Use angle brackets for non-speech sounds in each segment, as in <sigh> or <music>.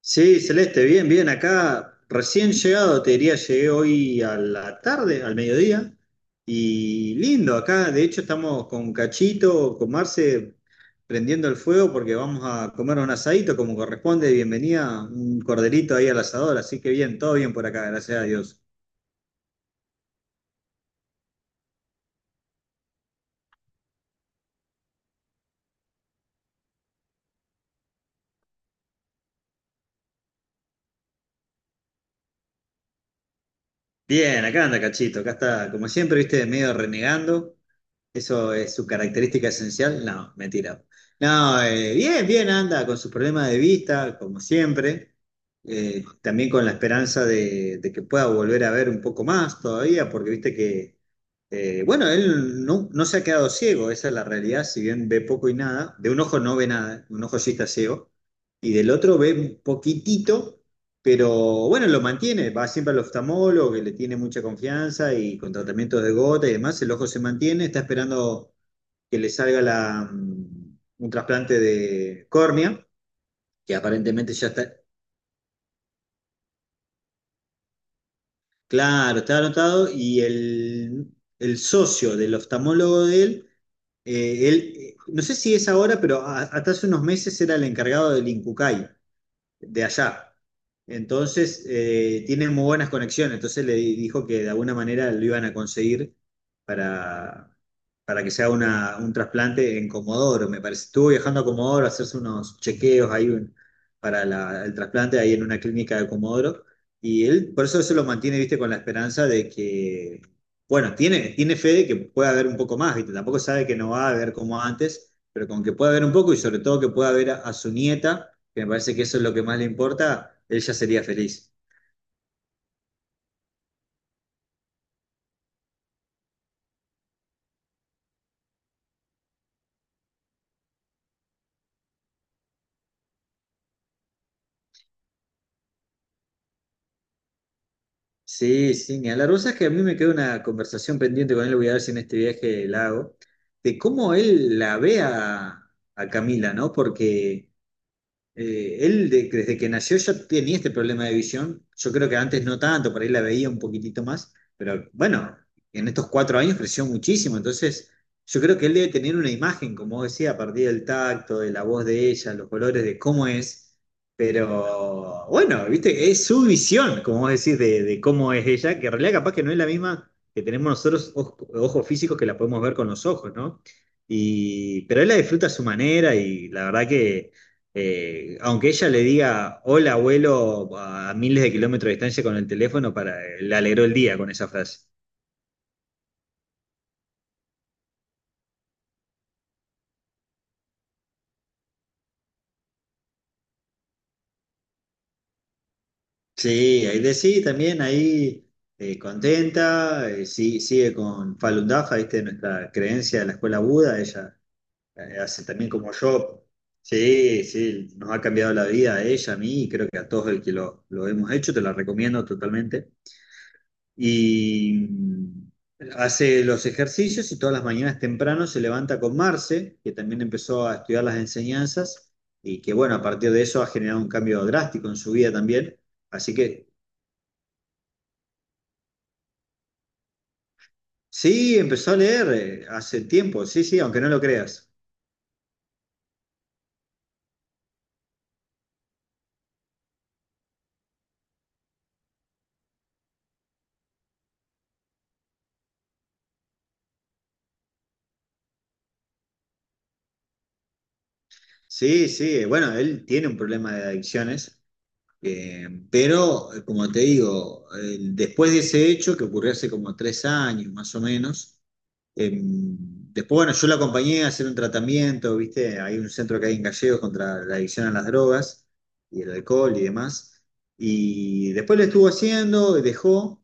Sí, Celeste, bien, bien, acá recién llegado, te diría, llegué hoy a la tarde, al mediodía, y lindo, acá de hecho estamos con Cachito, con Marce, prendiendo el fuego porque vamos a comer un asadito como corresponde, bienvenida, un corderito ahí al asador, así que bien, todo bien por acá, gracias a Dios. Bien, acá anda Cachito, acá está, como siempre, viste, medio renegando. ¿Eso es su característica esencial? No, mentira. No, bien, bien anda con sus problemas de vista, como siempre. También con la esperanza de que pueda volver a ver un poco más todavía, porque viste que bueno, él no se ha quedado ciego, esa es la realidad. Si bien ve poco y nada, de un ojo no ve nada, un ojo sí está ciego, y del otro ve un poquitito, pero bueno, lo mantiene, va siempre al oftalmólogo, que le tiene mucha confianza, y con tratamientos de gota y demás el ojo se mantiene. Está esperando que le salga la, un trasplante de córnea, que aparentemente ya está. Claro, estaba anotado, y el socio del oftalmólogo de él, no sé si es ahora, pero hasta hace unos meses era el encargado del Incucay de allá. Entonces, tiene muy buenas conexiones. Entonces le dijo que de alguna manera lo iban a conseguir para, para que se haga un trasplante en Comodoro, me parece. Estuvo viajando a Comodoro a hacerse unos chequeos ahí para el trasplante ahí en una clínica de Comodoro. Y él, por eso eso lo mantiene, viste, con la esperanza de que, bueno, tiene, tiene fe de que pueda haber un poco más, viste. Tampoco sabe que no va a haber como antes, pero con que pueda haber un poco, y sobre todo que pueda ver a su nieta, que me parece que eso es lo que más le importa, él ya sería feliz. Sí, sí, ni hablar la rosa es que a mí me queda una conversación pendiente con él, voy a ver si en este viaje la hago, de cómo él la ve a Camila, ¿no? Porque desde que nació ya tenía este problema de visión. Yo creo que antes no tanto, por ahí la veía un poquitito más, pero bueno, en estos cuatro años creció muchísimo. Entonces, yo creo que él debe tener una imagen, como vos decía, a partir del tacto, de la voz de ella, los colores, de cómo es. Pero bueno, viste, es su visión, como vos decís, de cómo es ella, que en realidad capaz que no es la misma que tenemos nosotros ojos físicos, que la podemos ver con los ojos, ¿no? Y, pero él la disfruta a su manera, y la verdad que aunque ella le diga hola abuelo a miles de kilómetros de distancia con el teléfono, para, le alegró el día con esa frase. Sí, ahí de sí, también ahí contenta, sí, sigue con Falun Dafa, ¿viste? Nuestra creencia de la escuela Buda, ella hace también como yo. Sí, sí, nos ha cambiado la vida a ella, a mí, y creo que a todos el que lo hemos hecho, te la recomiendo totalmente. y mm, hace los ejercicios, y todas las mañanas temprano se levanta con Marce, que también empezó a estudiar las enseñanzas, y que bueno, a partir de eso ha generado un cambio drástico en su vida también. Así que sí, empezó a leer hace tiempo, sí, sí, aunque no lo creas. Sí, sí, bueno, él tiene un problema de adicciones. Pero como te digo, después de ese hecho, que ocurrió hace como tres años más o menos, em, después, bueno, yo la acompañé a hacer un tratamiento, ¿viste? Hay un centro que hay en Gallegos contra la adicción a las drogas y el alcohol y demás. Y después lo estuvo haciendo, dejó,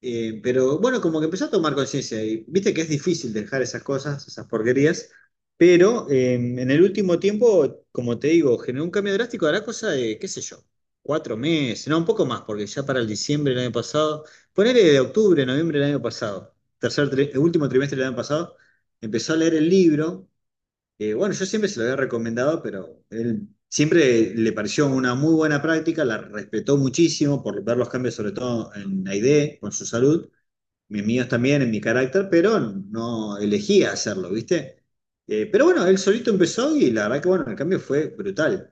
pero bueno, como que empezó a tomar conciencia, y viste que es difícil dejar esas cosas, esas porquerías, pero en el último tiempo, como te digo, generó un cambio drástico, hará cosa de, qué sé yo, cuatro meses, no, un poco más, porque ya para el diciembre del año pasado, ponele de octubre, noviembre del año pasado, el último trimestre del año pasado, empezó a leer el libro. Bueno, yo siempre se lo había recomendado, pero él siempre le pareció una muy buena práctica, la respetó muchísimo por ver los cambios, sobre todo en la ID, con su salud mis míos también en mi carácter, pero no elegía hacerlo, ¿viste? Pero bueno, él solito empezó, y la verdad que bueno, el cambio fue brutal.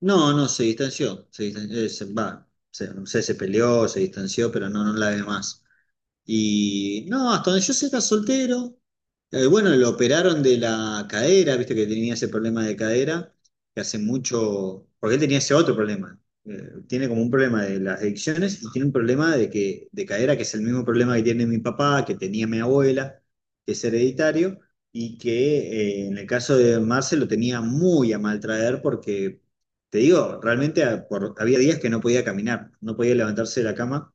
No, no, se distanció, se distan- se- va, se, no sé, se peleó, se distanció, pero no, no la ve más. Y no, hasta donde yo sé era soltero. Bueno, lo operaron de la cadera, viste que tenía ese problema de cadera, que hace mucho, porque él tenía ese otro problema. Tiene como un problema de las adicciones, y tiene un problema de que, de cadera, que es el mismo problema que tiene mi papá, que tenía mi abuela, que es hereditario, y que en el caso de Marce lo tenía muy a mal traer porque, te digo, realmente había días que no podía caminar, no podía levantarse de la cama.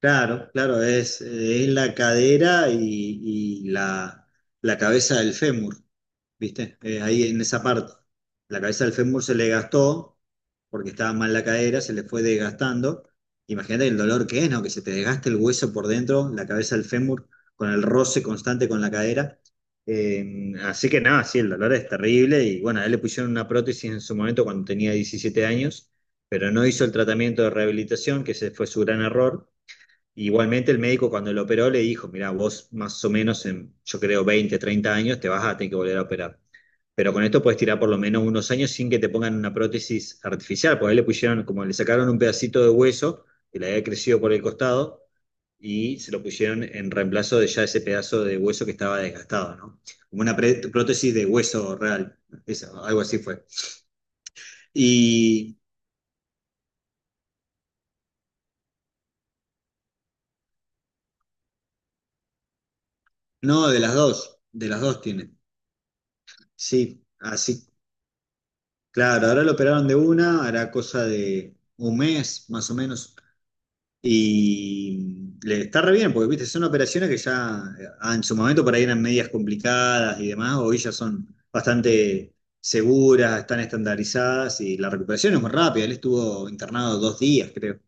Claro, claro, es la cadera y la cabeza del fémur, ¿viste? Ahí en esa parte. La cabeza del fémur se le gastó porque estaba mal la cadera, se le fue desgastando. Imagínate el dolor que es, ¿no? Que se te desgaste el hueso por dentro, la cabeza del fémur, con el roce constante con la cadera. Así que nada, sí, el dolor es terrible, y bueno, a él le pusieron una prótesis en su momento cuando tenía 17 años, pero no hizo el tratamiento de rehabilitación, que ese fue su gran error. Igualmente el médico cuando lo operó le dijo, mira, vos más o menos en, yo creo, 20 30 años te vas a tener que volver a operar. Pero con esto puedes tirar por lo menos unos años sin que te pongan una prótesis artificial, porque ahí le pusieron, como le sacaron un pedacito de hueso que le había crecido por el costado, y se lo pusieron en reemplazo de ya ese pedazo de hueso que estaba desgastado, ¿no? Como una prótesis de hueso real, eso, algo así fue. Y no, de las dos tiene. Sí, así. Claro, ahora lo operaron de una, hará cosa de un mes más o menos. Y le está re bien, porque viste, son operaciones que ya en su momento por ahí eran medias complicadas y demás, hoy ya son bastante seguras, están estandarizadas, y la recuperación es muy rápida. Él estuvo internado dos días, creo,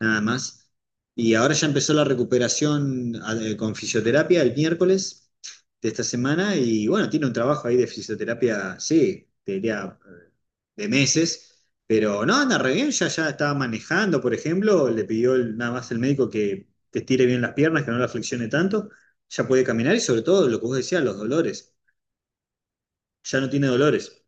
nada más. Y ahora ya empezó la recuperación con fisioterapia el miércoles de esta semana, y bueno, tiene un trabajo ahí de fisioterapia, sí, te diría de meses, pero no, anda re bien, ya, ya estaba manejando, por ejemplo, le pidió nada más el médico que te estire bien las piernas, que no las flexione tanto, ya puede caminar, y sobre todo lo que vos decías, los dolores, ya no tiene dolores.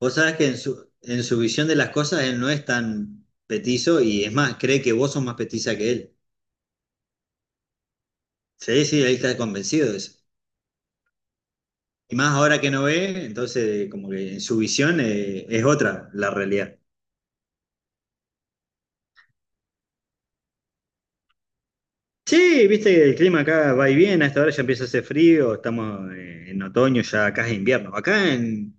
Vos sabés que en su visión de las cosas él no es tan petizo, y es más, cree que vos sos más petiza que él. Sí, sí, él está convencido de eso. Y más ahora que no ve, entonces como que en su visión es otra la realidad. Sí, viste que el clima acá va y viene, a esta hora ya empieza a hacer frío, estamos en otoño, ya acá es invierno. Acá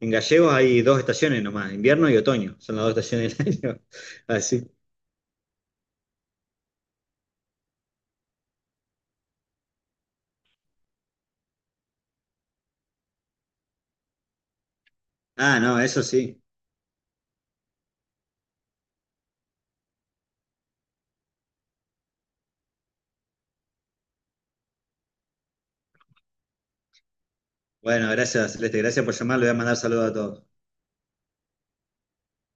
en Gallegos hay dos estaciones nomás, invierno y otoño, son las dos estaciones del <laughs> año. Así. Ah, no, eso sí. Bueno, gracias, Celeste, gracias por llamar, le voy a mandar saludos a todos.